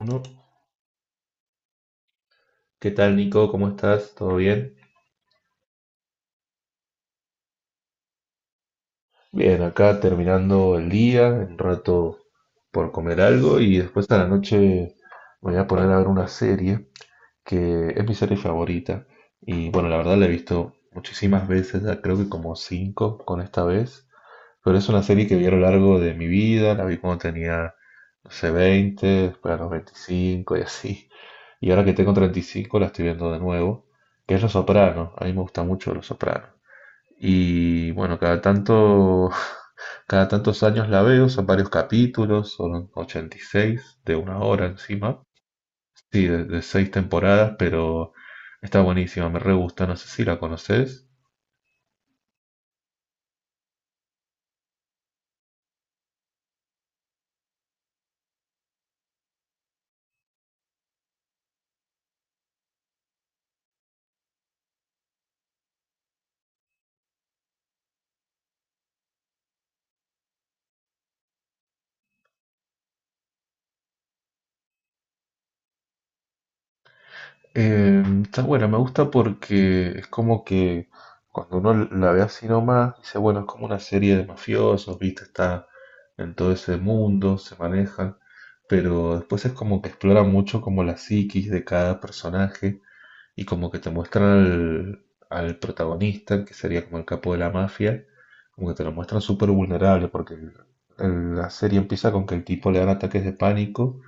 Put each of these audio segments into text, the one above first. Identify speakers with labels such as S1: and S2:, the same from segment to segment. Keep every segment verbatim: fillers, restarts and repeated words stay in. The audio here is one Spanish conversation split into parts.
S1: Uno. ¿Qué tal, Nico? ¿Cómo estás? ¿Todo bien? Bien, acá terminando el día, un rato por comer algo y después a la noche me voy a poner a ver una serie que es mi serie favorita. Y bueno, la verdad la he visto muchísimas veces, ya creo que como cinco con esta vez, pero es una serie que vi a lo largo de mi vida, la vi cuando tenía, no sé, veinte, después a los veinticinco y así. Y ahora que tengo treinta y cinco la estoy viendo de nuevo, que es Los Soprano. A mí me gusta mucho Los Soprano. Y bueno, cada tanto, cada tantos años la veo, son varios capítulos, son ochenta y seis de una hora encima. Sí, de, de seis temporadas, pero está buenísima, me re gusta, no sé si la conoces. Eh, está buena, me gusta porque es como que cuando uno la ve así nomás, dice, bueno, es como una serie de mafiosos, viste, está en todo ese mundo, se manejan, pero después es como que explora mucho como la psiquis de cada personaje. Y como que te muestran al, al protagonista, que sería como el capo de la mafia, como que te lo muestran súper vulnerable, porque el- el- la serie empieza con que el tipo le dan ataques de pánico,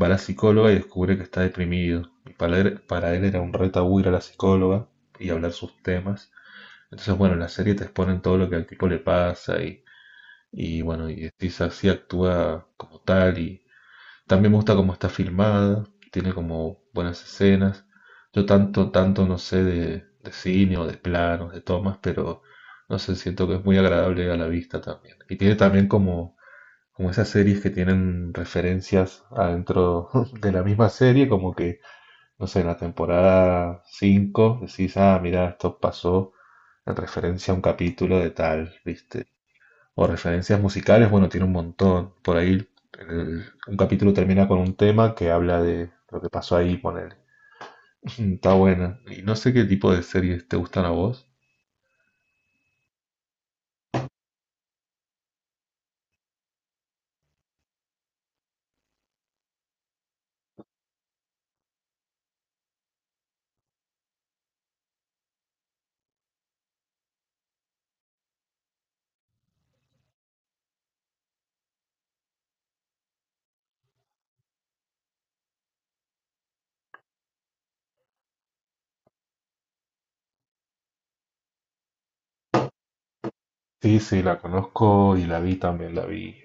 S1: va a la psicóloga y descubre que está deprimido. Y para él, para él era un reto tabú ir a la psicóloga y hablar sus temas. Entonces, bueno, en la serie te exponen todo lo que al tipo le pasa y, y bueno, y si así actúa como tal y también me gusta cómo está filmada, tiene como buenas escenas. Yo tanto, tanto no sé de, de cine o de planos, de tomas, pero no sé, siento que es muy agradable a la vista también. Y tiene también como, como esas series que tienen referencias adentro de la misma serie, como que, no sé, en la temporada cinco decís, ah, mira, esto pasó en referencia a un capítulo de tal, ¿viste? O referencias musicales, bueno, tiene un montón. Por ahí el- un capítulo termina con un tema que habla de lo que pasó ahí, ponele. Está buena. Y no sé qué tipo de series te gustan a vos. Sí, sí, la conozco y la vi también, la vi.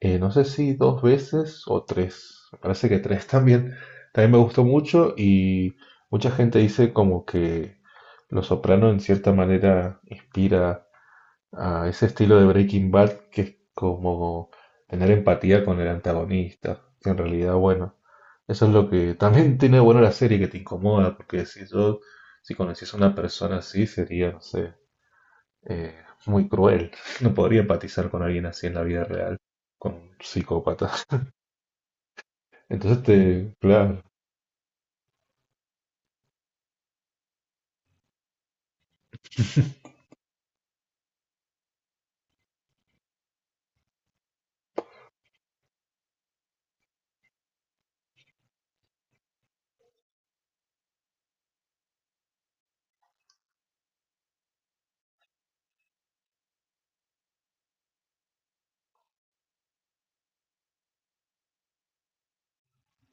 S1: eh, No sé si dos veces o tres. Me parece que tres también. También me gustó mucho y mucha gente dice como que Los Soprano en cierta manera inspira a ese estilo de Breaking Bad que es como tener empatía con el antagonista, que en realidad, bueno, eso es lo que también tiene bueno la serie, que te incomoda, porque si yo, si conociese a una persona así, sería, no sé, eh, muy cruel, no podría empatizar con alguien así en la vida real, con un psicópata. Entonces, te, claro,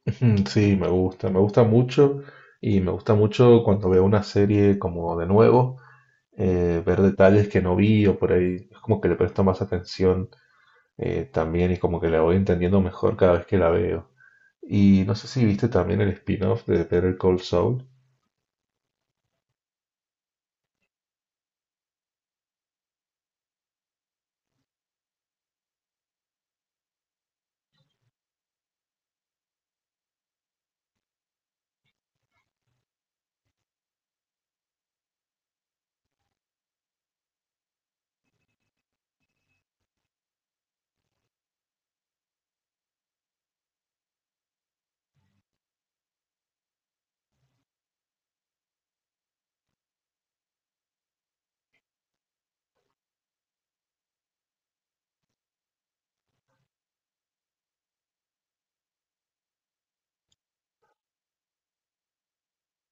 S1: sí, me gusta, me gusta mucho y me gusta mucho cuando veo una serie como de nuevo. Eh, ver detalles que no vi o por ahí. Es como que le presto más atención, eh, también, y como que la voy entendiendo mejor cada vez que la veo. Y no sé si viste también el spin-off de Better Call Saul.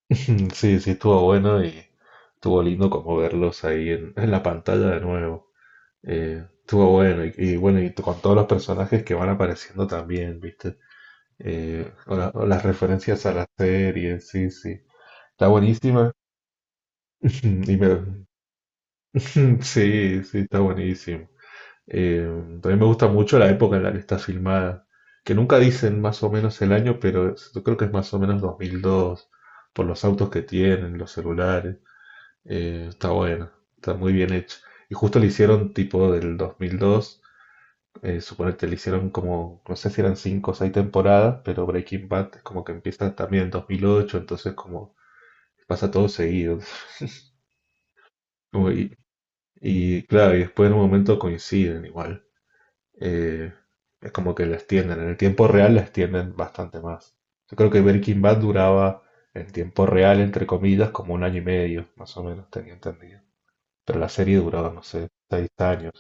S1: Sí, sí, estuvo bueno y estuvo lindo como verlos ahí en, en la pantalla de nuevo. Eh, estuvo bueno y, y bueno, y con todos los personajes que van apareciendo también, ¿viste? Eh, o la- o las referencias a la serie, sí, sí. Está buenísima. Y me- Sí, sí, está buenísimo. Eh, También me gusta mucho la época en la que está filmada, que nunca dicen más o menos el año, pero es- yo creo que es más o menos dos mil dos, por los autos que tienen, los celulares. Eh, está buena, está muy bien hecha. Y justo le hicieron tipo del dos mil dos, eh, suponete, le hicieron como, no sé si eran cinco o seis temporadas, pero Breaking Bad es como que empieza también en dos mil ocho, entonces como pasa todo seguido. Como y, y claro, y después en un momento coinciden igual. eh, es como que la extienden. En el tiempo real la extienden bastante más. Yo creo que Breaking Bad duraba en tiempo real, entre comillas, como un año y medio, más o menos, tenía entendido. Pero la serie duraba, no sé, seis años.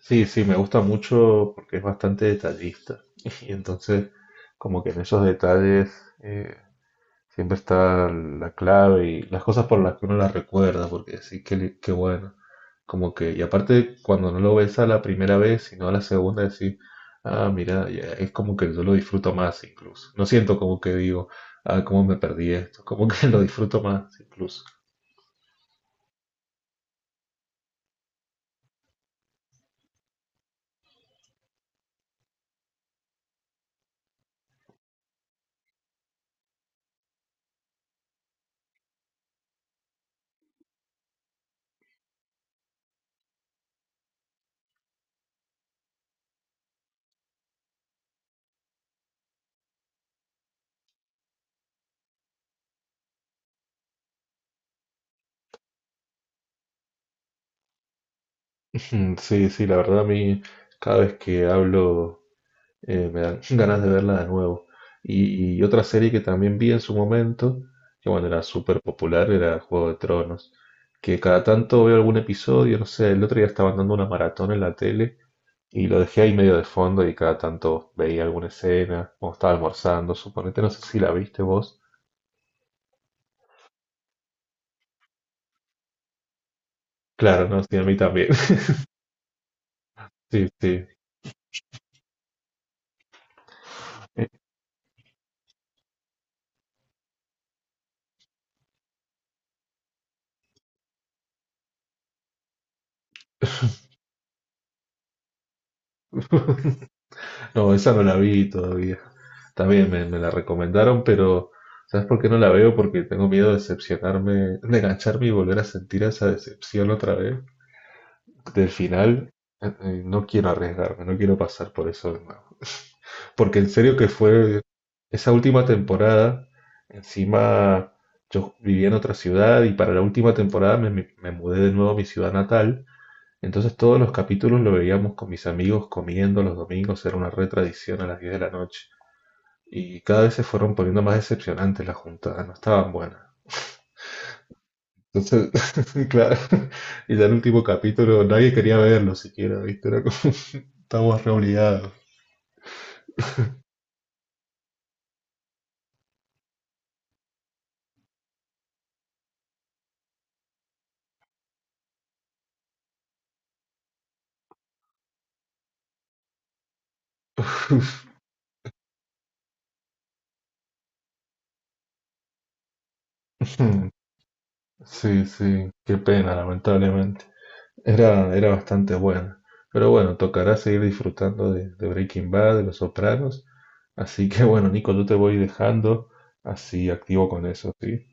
S1: Sí, sí, me gusta mucho porque es bastante detallista. Y entonces, como que en esos detalles, eh, siempre está la clave y las cosas por las que uno las recuerda, porque sí, que qué bueno. Como que, y aparte, cuando no lo ves a la primera vez, sino a la segunda, decir, ah, mira, ya, es como que yo lo disfruto más incluso. No siento como que digo, ah, cómo me perdí esto, como que lo disfruto más incluso. Mm, sí, sí, la verdad a mí, cada vez que hablo, eh, me dan ganas de verla de nuevo. Y, y otra serie que también vi en su momento, que bueno, era súper popular, era Juego de Tronos, que cada tanto veo algún episodio, no sé, el otro día estaban dando una maratón en la tele y lo dejé ahí medio de fondo y cada tanto veía alguna escena, o estaba almorzando, suponete, no sé si la viste vos. Claro, no, sí, a mí también. Sí, sí. No, esa no la vi todavía. También me, me la recomendaron, pero ¿sabes por qué no la veo? Porque tengo miedo de decepcionarme, de engancharme y volver a sentir esa decepción otra vez del final. eh, eh, No quiero arriesgarme, no quiero pasar por eso de nuevo. Porque en serio que fue esa última temporada, encima yo vivía en otra ciudad y para la última temporada me, me- me mudé de nuevo a mi ciudad natal, entonces todos los capítulos lo veíamos con mis amigos comiendo los domingos, era una re tradición a las diez de la noche. Y cada vez se fueron poniendo más decepcionantes las juntadas, no estaban buenas. Entonces, claro, y ya el último capítulo nadie quería verlo siquiera, ¿viste? Era como, estamos re obligados. Sí, sí, qué pena, lamentablemente. Era, era bastante buena. Pero bueno, tocará seguir disfrutando de, de Breaking Bad, de Los Sopranos. Así que bueno, Nico, yo te voy dejando así activo con eso, ¿sí?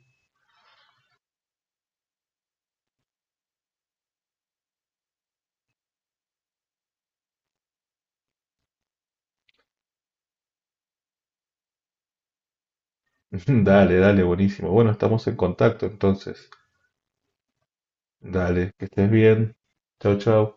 S1: Dale, dale, buenísimo. Bueno, estamos en contacto entonces. Dale, que estés bien. Chau, chau.